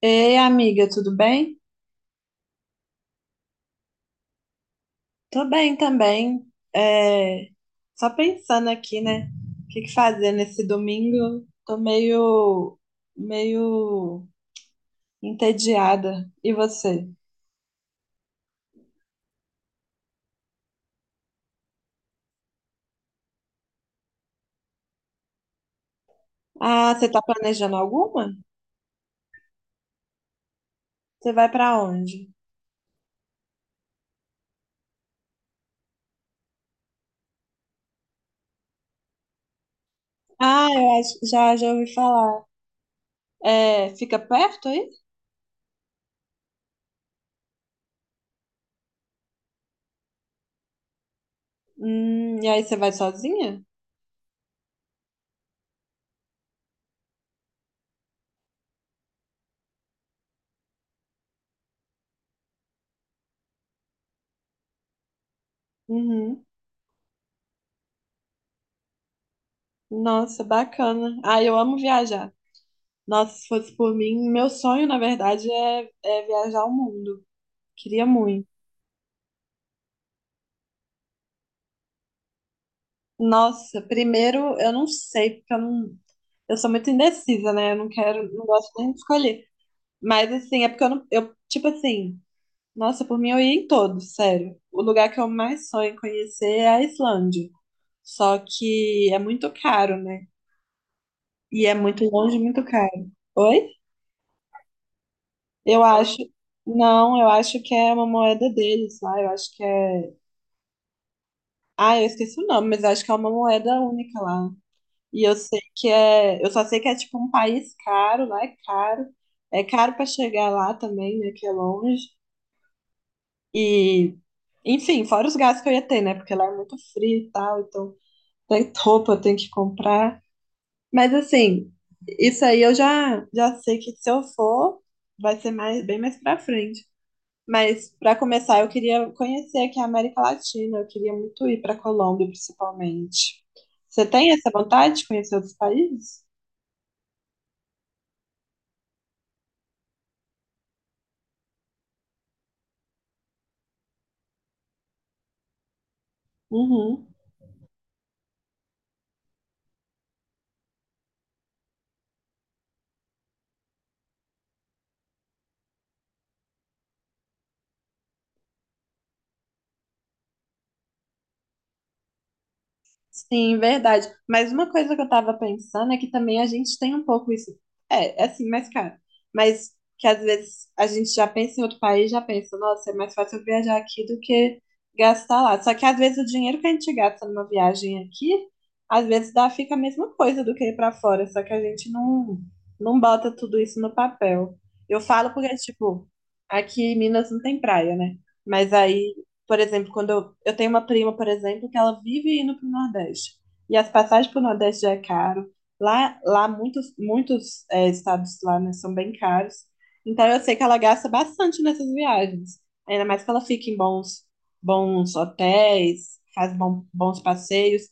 Ei, amiga, tudo bem? Tô bem também. É, só pensando aqui, né? O que que fazer nesse domingo? Tô meio entediada. E você? Ah, você tá planejando alguma? Você vai pra onde? Ah, eu acho, já ouvi falar. É, fica perto aí? E aí você vai sozinha? Uhum. Nossa, bacana. Ah, eu amo viajar. Nossa, se fosse por mim, meu sonho, na verdade, é viajar o mundo. Queria muito. Nossa, primeiro, eu não sei, porque eu não. Eu sou muito indecisa, né? Eu não quero, não gosto nem de escolher. Mas, assim, é porque eu não. Eu, tipo assim, nossa, por mim eu ia em todos, sério. O lugar que eu mais sonho em conhecer é a Islândia. Só que é muito caro, né? E é muito longe, e muito caro. Oi? Eu acho. Não, eu acho que é uma moeda deles lá. Eu acho que é. Ah, eu esqueci o nome, mas eu acho que é uma moeda única lá. E eu sei que é, eu só sei que é tipo um país caro, lá é caro pra chegar lá também, né, que é longe. E, enfim, fora os gastos que eu ia ter, né, porque lá é muito frio e tal, então tem roupa eu tenho que comprar. Mas assim, isso aí eu já sei que se eu for, vai ser mais bem mais pra frente. Mas pra começar, eu queria conhecer aqui a América Latina, eu queria muito ir pra Colômbia, principalmente. Você tem essa vontade de conhecer outros países? Uhum. Sim, verdade. Mas uma coisa que eu tava pensando é que também a gente tem um pouco isso. É, é assim, mais caro. Mas que às vezes a gente já pensa em outro país, já pensa, nossa, é mais fácil eu viajar aqui do que gastar lá. Só que às vezes o dinheiro que a gente gasta numa viagem aqui, às vezes dá, fica a mesma coisa do que ir pra fora, só que a gente não, não bota tudo isso no papel. Eu falo porque, tipo, aqui em Minas não tem praia, né? Mas aí por exemplo, quando eu tenho uma prima, por exemplo, que ela vive indo para o Nordeste. E as passagens para o Nordeste já é caro. Lá, lá muitos é, estados lá, né, são bem caros. Então eu sei que ela gasta bastante nessas viagens. Ainda mais que ela fica em bons, bons hotéis, faz bom, bons passeios.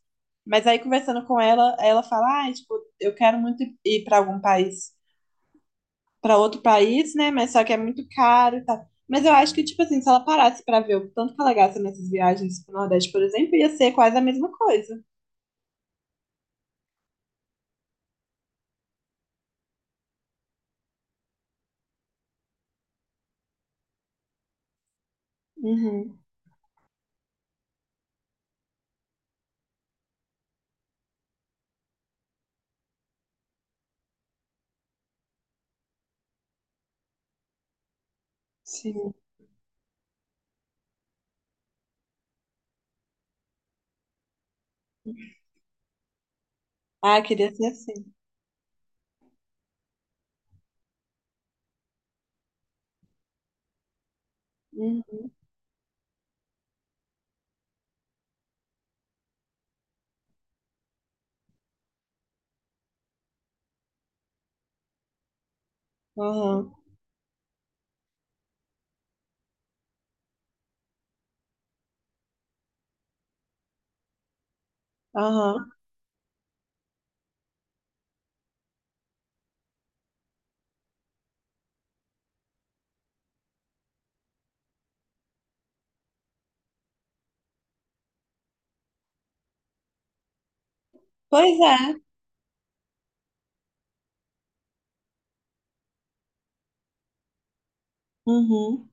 Mas aí, conversando com ela, ela fala, ah, tipo, eu quero muito ir para algum país para outro país, né? Mas só que é muito caro e tal. Mas eu acho que, tipo assim, se ela parasse para ver o tanto que ela gasta nessas viagens pro Nordeste, por exemplo, ia ser quase a mesma coisa. Uhum, sim. Ah, queria ser assim. Uhum, aham, aham. Pois é. Uhum,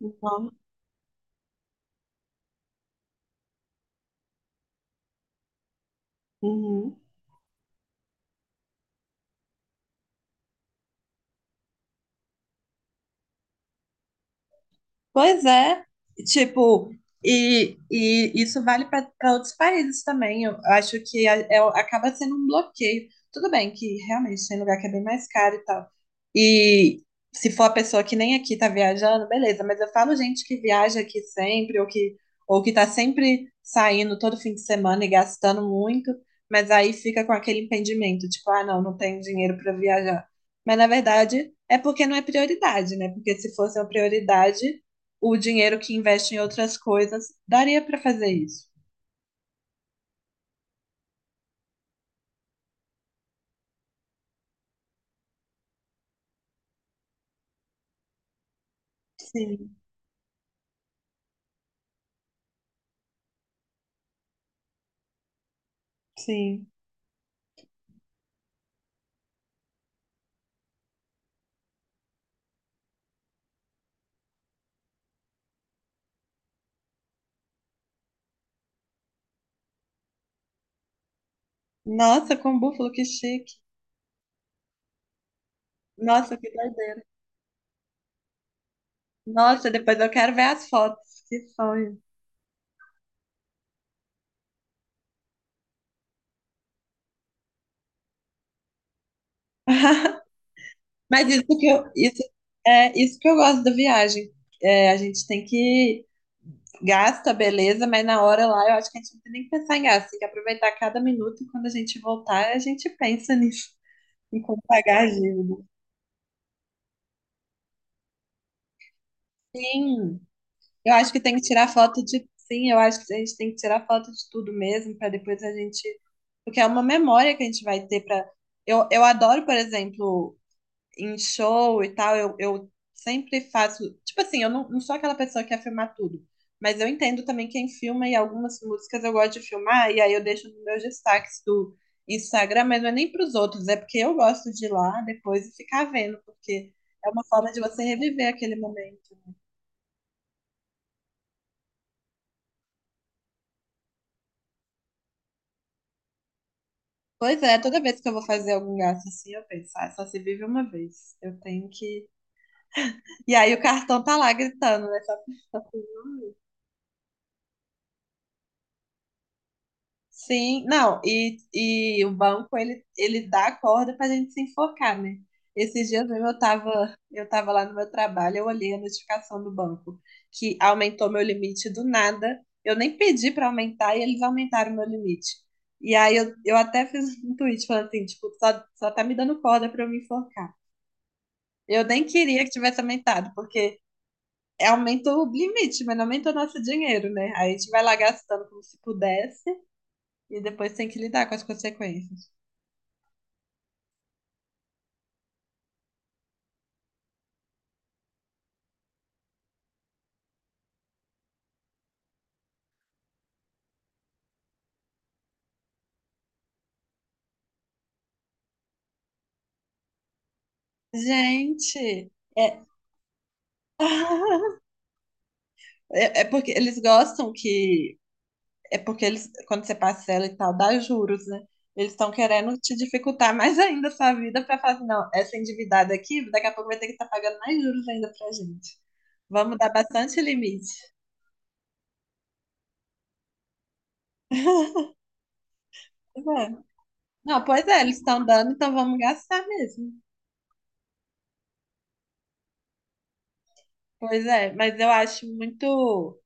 uhum, uhum. Pois é, tipo, e, isso vale para outros países também. Eu acho que a- é- acaba sendo um bloqueio. Tudo bem que realmente tem lugar que é bem mais caro e tal. E se for a pessoa que nem aqui tá viajando, beleza, mas eu falo gente que viaja aqui sempre, ou que tá sempre saindo todo fim de semana e gastando muito, mas aí fica com aquele impedimento, tipo, ah, não, não tenho dinheiro para viajar. Mas na verdade é porque não é prioridade, né? Porque se fosse uma prioridade o dinheiro que investe em outras coisas, daria para fazer isso. Sim, sim. Nossa, com búfalo, que chique. Nossa, que doideira. Nossa, depois eu quero ver as fotos. Que sonho. Mas isso que eu, isso, é isso que eu gosto da viagem. É, a gente tem que gasta, beleza, mas na hora lá eu acho que a gente não tem nem que pensar em gasto, tem que aproveitar cada minuto e quando a gente voltar, a gente pensa nisso, em como pagar a dívida. Sim, Eu acho que tem que tirar foto de. Sim, eu acho que a gente tem que tirar foto de tudo mesmo, para depois a gente. Porque é uma memória que a gente vai ter para. Eu adoro, por exemplo, em show e tal, eu sempre faço. Tipo assim, eu não, não sou aquela pessoa que quer filmar tudo. Mas eu entendo também quem filma e algumas músicas eu gosto de filmar, e aí eu deixo nos meus destaques do Instagram, mas não é nem para os outros, é porque eu gosto de ir lá depois e ficar vendo, porque é uma forma de você reviver aquele momento. Pois é, toda vez que eu vou fazer algum gasto assim, eu penso, ah, só se vive uma vez. Eu tenho que. E aí o cartão tá lá gritando, né? Sim, não, e, o banco, ele dá a corda pra gente se enforcar, né? Esses dias mesmo eu tava lá no meu trabalho, eu olhei a notificação do banco, que aumentou meu limite do nada. Eu nem pedi pra aumentar e eles aumentaram meu limite. E aí eu até fiz um tweet falando assim, tipo, só tá me dando corda pra eu me enforcar. Eu nem queria que tivesse aumentado, porque é, aumenta o limite, mas não aumenta o nosso dinheiro, né? Aí a gente vai lá gastando como se pudesse e depois tem que lidar com as consequências. Gente, é, é, é porque eles gostam que. É porque eles, quando você parcela e tal, dá juros, né? Eles estão querendo te dificultar mais ainda a sua vida para falar assim, não, essa endividada aqui, daqui a pouco vai ter que estar pagando mais juros ainda pra gente. Vamos dar bastante limite. Pois é. Não, pois é, eles estão dando, então vamos gastar mesmo. Pois é, mas eu acho muito,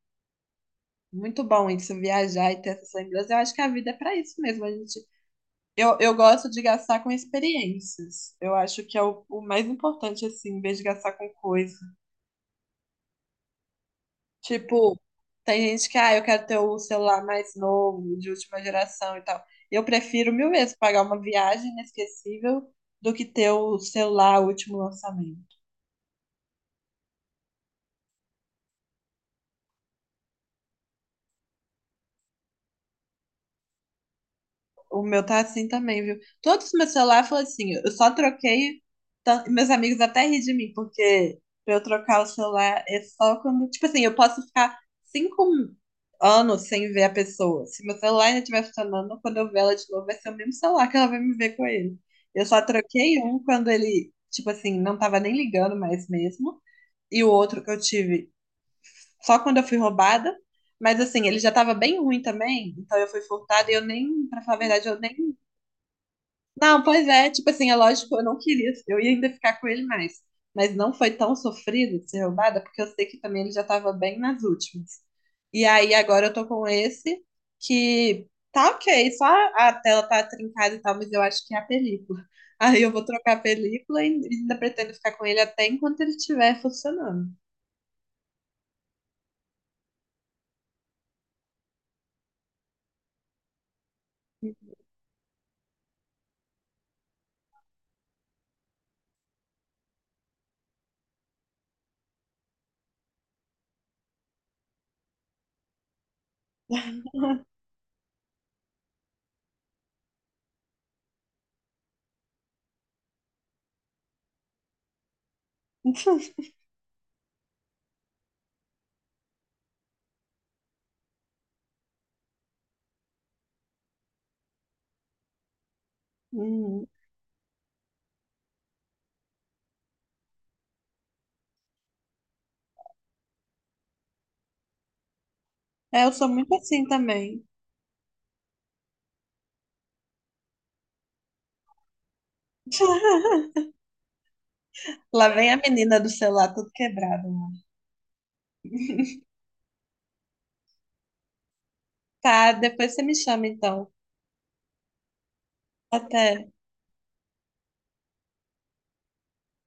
muito bom isso, viajar e ter essas lembranças. Eu acho que a vida é para isso mesmo. A gente, eu gosto de gastar com experiências. Eu acho que é o mais importante, assim, em vez de gastar com coisa. Tipo, tem gente que, ah, eu quero ter o celular mais novo, de última geração e tal. Eu prefiro mil vezes pagar uma viagem inesquecível do que ter o celular último lançamento. O meu tá assim também, viu? Todos os meus celulares foram assim. Eu só troquei. Meus amigos até ri de mim, porque pra eu trocar o celular é só quando. Tipo assim, eu posso ficar 5 anos sem ver a pessoa. Se meu celular ainda estiver funcionando, quando eu ver ela de novo, vai ser o mesmo celular que ela vai me ver com ele. Eu só troquei um quando ele, tipo assim, não tava nem ligando mais mesmo. E o outro que eu tive só quando eu fui roubada. Mas assim, ele já tava bem ruim também, então eu fui furtada e eu nem, pra falar a verdade, eu nem não, pois é, tipo assim, é lógico, eu não queria, eu ia ainda ficar com ele mais, mas não foi tão sofrido de ser roubada, porque eu sei que também ele já estava bem nas últimas. E aí agora eu tô com esse que tá ok, só a tela tá trincada e tal, mas eu acho que é a película. Aí eu vou trocar a película e ainda pretendo ficar com ele até enquanto ele estiver funcionando. Hum. É, eu sou muito assim também. Lá vem a menina do celular tudo quebrado. Mano. Tá, depois você me chama então. Até.